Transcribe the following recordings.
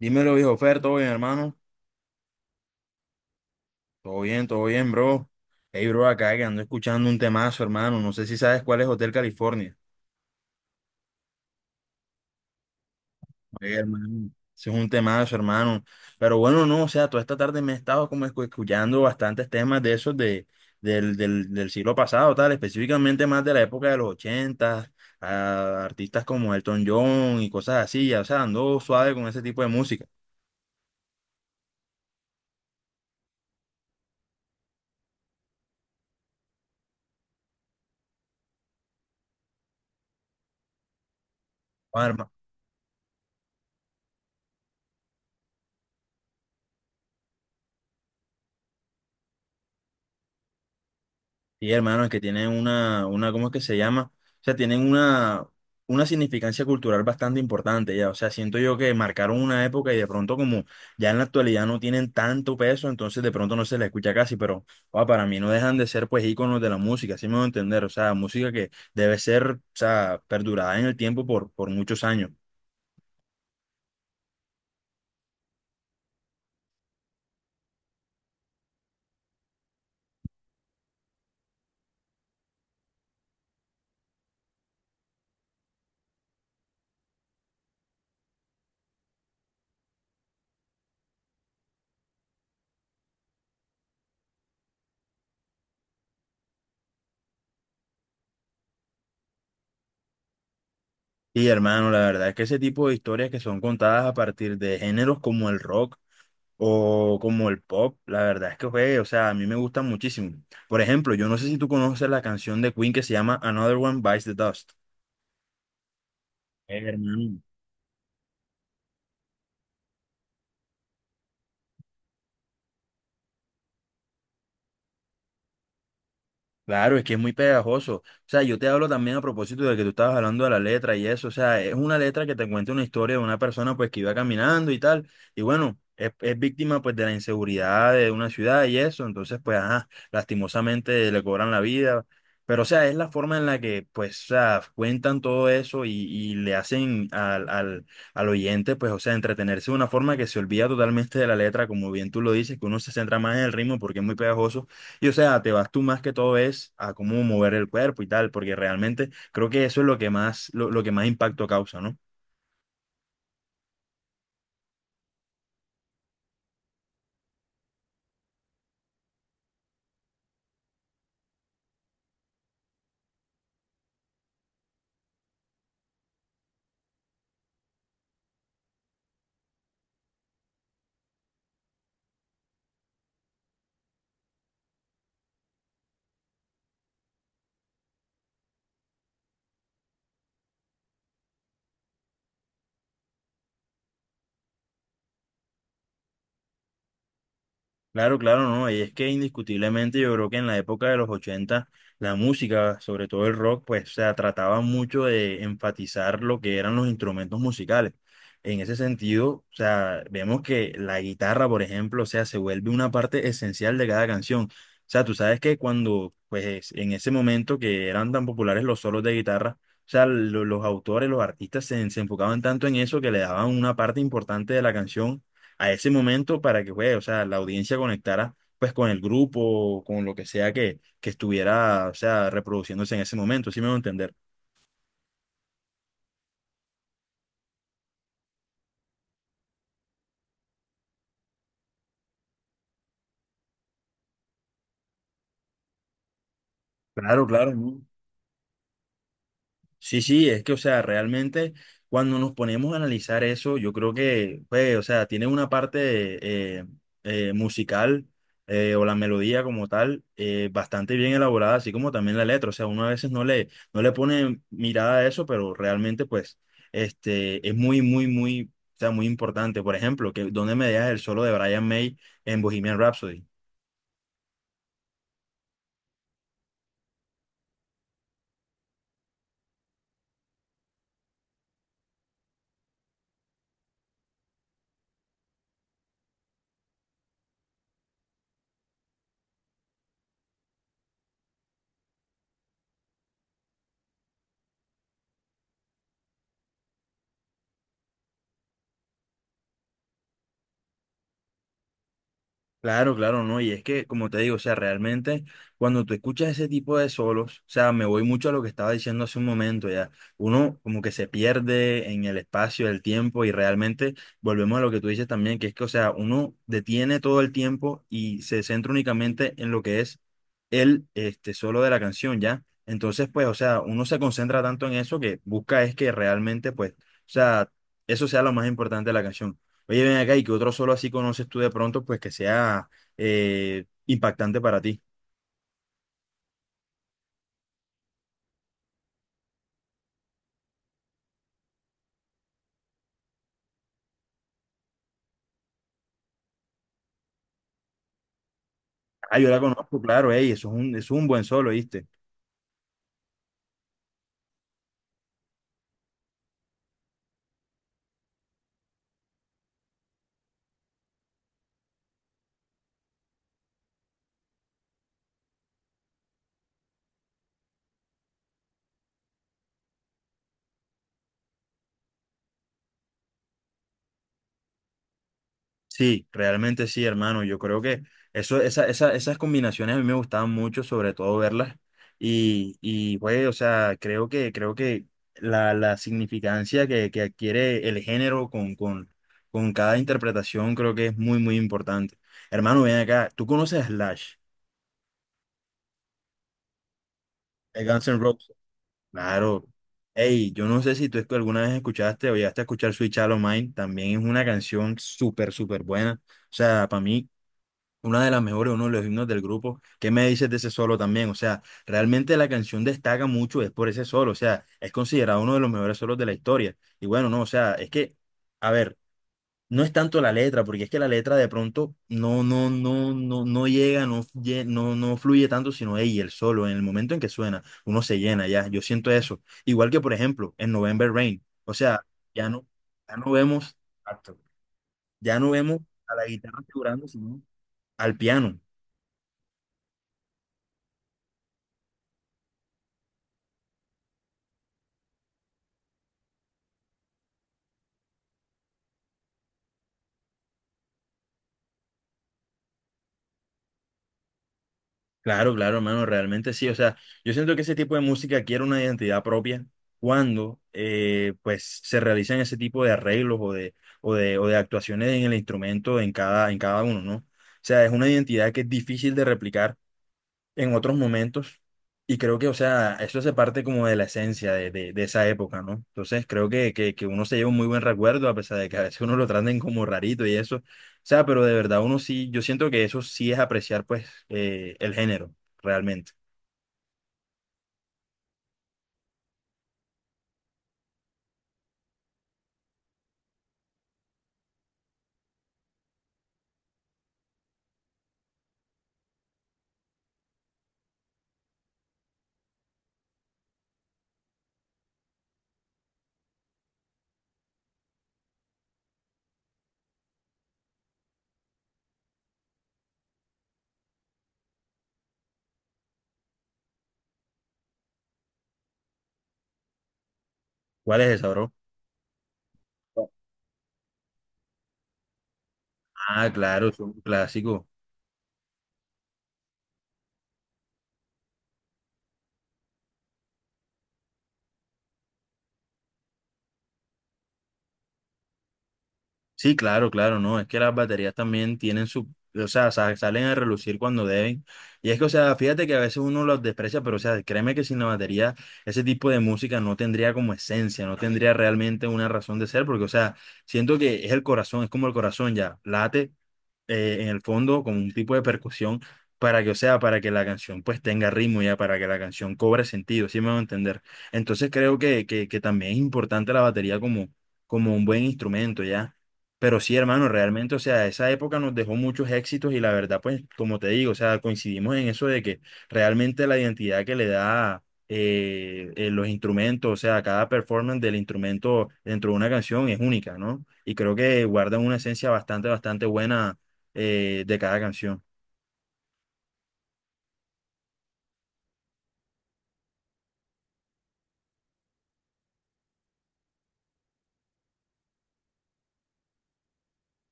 Dímelo, viejo Fer, ¿todo bien, hermano? Todo bien, bro. Hey, bro, acá que ando escuchando un temazo, hermano. No sé si sabes cuál es Hotel California. Ey, hermano, ese es un temazo, hermano. Pero bueno, no, o sea, toda esta tarde me he estado como escuchando bastantes temas de esos del siglo pasado, tal, específicamente más de la época de los ochentas, a artistas como Elton John y cosas así, ya, o sea, ando suave con ese tipo de música. Sí, hermano, es que tienen una, ¿cómo es que se llama? O sea, tienen una significancia cultural bastante importante ya. O sea, siento yo que marcaron una época y de pronto como ya en la actualidad no tienen tanto peso, entonces de pronto no se les escucha casi, pero para mí no dejan de ser pues íconos de la música, así me voy a entender. O sea, música que debe ser, o sea, perdurada en el tiempo por muchos años. Sí, hermano, la verdad es que ese tipo de historias que son contadas a partir de géneros como el rock o como el pop, la verdad es que, güey, o sea, a mí me gustan muchísimo. Por ejemplo, yo no sé si tú conoces la canción de Queen que se llama Another One Bites the Dust. Hermano. Claro, es que es muy pegajoso. O sea, yo te hablo también a propósito de que tú estabas hablando de la letra y eso. O sea, es una letra que te cuenta una historia de una persona pues que iba caminando y tal. Y bueno, es víctima pues de la inseguridad de una ciudad y eso. Entonces, pues, ajá, lastimosamente le cobran la vida. Pero, o sea, es la forma en la que pues, o sea, cuentan todo eso y le hacen al oyente pues, o sea, entretenerse de una forma que se olvida totalmente de la letra, como bien tú lo dices, que uno se centra más en el ritmo porque es muy pegajoso y o sea, te vas tú más que todo es a cómo mover el cuerpo y tal, porque realmente creo que eso es lo que más, lo que más impacto causa, ¿no? Claro, claro, no. Y es que indiscutiblemente yo creo que en la época de los 80 la música, sobre todo el rock, pues o sea, trataba mucho de enfatizar lo que eran los instrumentos musicales. En ese sentido, o sea, vemos que la guitarra, por ejemplo, o sea, se vuelve una parte esencial de cada canción. O sea, tú sabes que cuando, pues en ese momento que eran tan populares los solos de guitarra, o sea, los autores, los artistas se enfocaban tanto en eso que le daban una parte importante de la canción a ese momento para que, güey, o sea, la audiencia conectara pues con el grupo, con lo que sea que estuviera, o sea, reproduciéndose en ese momento, ¿sí me voy a entender? Claro, claro. Sí, sí, es que, o sea, realmente cuando nos ponemos a analizar eso, yo creo que, pues, o sea, tiene una parte musical, o la melodía como tal, bastante bien elaborada, así como también la letra. O sea, uno a veces no le pone mirada a eso, pero realmente, pues, es muy, muy, muy, o sea, muy importante. Por ejemplo, que ¿dónde me dejas el solo de Brian May en Bohemian Rhapsody? Claro, claro, no, y es que, como te digo, o sea, realmente cuando tú escuchas ese tipo de solos, o sea, me voy mucho a lo que estaba diciendo hace un momento, ya, uno como que se pierde en el espacio, el tiempo, y realmente volvemos a lo que tú dices también, que es que, o sea, uno detiene todo el tiempo y se centra únicamente en lo que es el solo de la canción, ya. Entonces, pues, o sea, uno se concentra tanto en eso que busca es que realmente, pues, o sea, eso sea lo más importante de la canción. Oye, ven acá y que otro solo así conoces tú de pronto, pues que sea impactante para ti. Ah, yo la conozco, claro, ey, eso es un, buen solo, ¿viste? Sí, realmente sí, hermano. Yo creo que esas combinaciones a mí me gustaban mucho, sobre todo verlas. Y güey, o sea, creo que la significancia que adquiere el género con cada interpretación creo que es muy, muy importante. Hermano, ven acá, ¿tú conoces a Slash, de Guns N' Roses? Claro. Hey, yo no sé si tú alguna vez escuchaste o llegaste a escuchar Sweet Child O' Mine, también es una canción súper, súper buena. O sea, para mí, una de las mejores, uno de los himnos del grupo. ¿Qué me dices de ese solo también? O sea, realmente la canción destaca mucho, es por ese solo, o sea, es considerado uno de los mejores solos de la historia. Y bueno, no, o sea, es que, a ver. No es tanto la letra, porque es que la letra de pronto no llega, no fluye tanto, sino ella, el solo, en el momento en que suena, uno se llena ya, yo siento eso. Igual que, por ejemplo, en November Rain, o sea, ya no, ya no vemos, exacto. Ya no vemos a la guitarra figurando, sino al piano. Claro, claro, hermano, realmente sí. O sea, yo siento que ese tipo de música adquiere una identidad propia cuando pues se realizan ese tipo de arreglos o de actuaciones en el instrumento en cada uno, ¿no? O sea, es una identidad que es difícil de replicar en otros momentos. Y creo que, o sea, eso hace parte como de la esencia de esa época, ¿no? Entonces creo que uno se lleva un muy buen recuerdo, a pesar de que a veces uno lo traten como rarito y eso. O sea, pero de verdad uno sí, yo siento que eso sí es apreciar, pues, el género, realmente. ¿Cuál es esa, bro? Ah, claro, es un clásico. Sí, claro, claro, no, es que las baterías también tienen su, o sea, salen a relucir cuando deben. Y es que, o sea, fíjate que a veces uno los desprecia, pero, o sea, créeme que sin la batería ese tipo de música no tendría como esencia, no tendría realmente una razón de ser, porque, o sea, siento que es el corazón, es como el corazón ya, late en el fondo con un tipo de percusión para que, o sea, para que la canción pues tenga ritmo ya, para que la canción cobre sentido, ¿sí me van a entender? Entonces creo que también es importante la batería como, como un buen instrumento ya. Pero sí, hermano, realmente, o sea, esa época nos dejó muchos éxitos y la verdad, pues, como te digo, o sea, coincidimos en eso de que realmente la identidad que le da los instrumentos, o sea, cada performance del instrumento dentro de una canción es única, ¿no? Y creo que guardan una esencia bastante, bastante buena, de cada canción.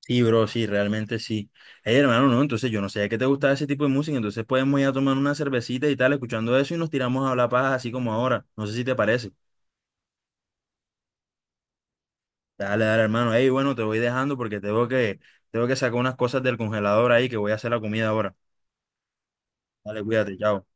Sí, bro, sí, realmente sí. Hey, hermano, no, entonces yo no sé que te gustaba ese tipo de música, entonces podemos ir a tomar una cervecita y tal, escuchando eso y nos tiramos a hablar paja así como ahora. No sé si te parece. Dale, dale, hermano. Ey, bueno, te voy dejando porque tengo que sacar unas cosas del congelador ahí que voy a hacer la comida ahora. Dale, cuídate, chao.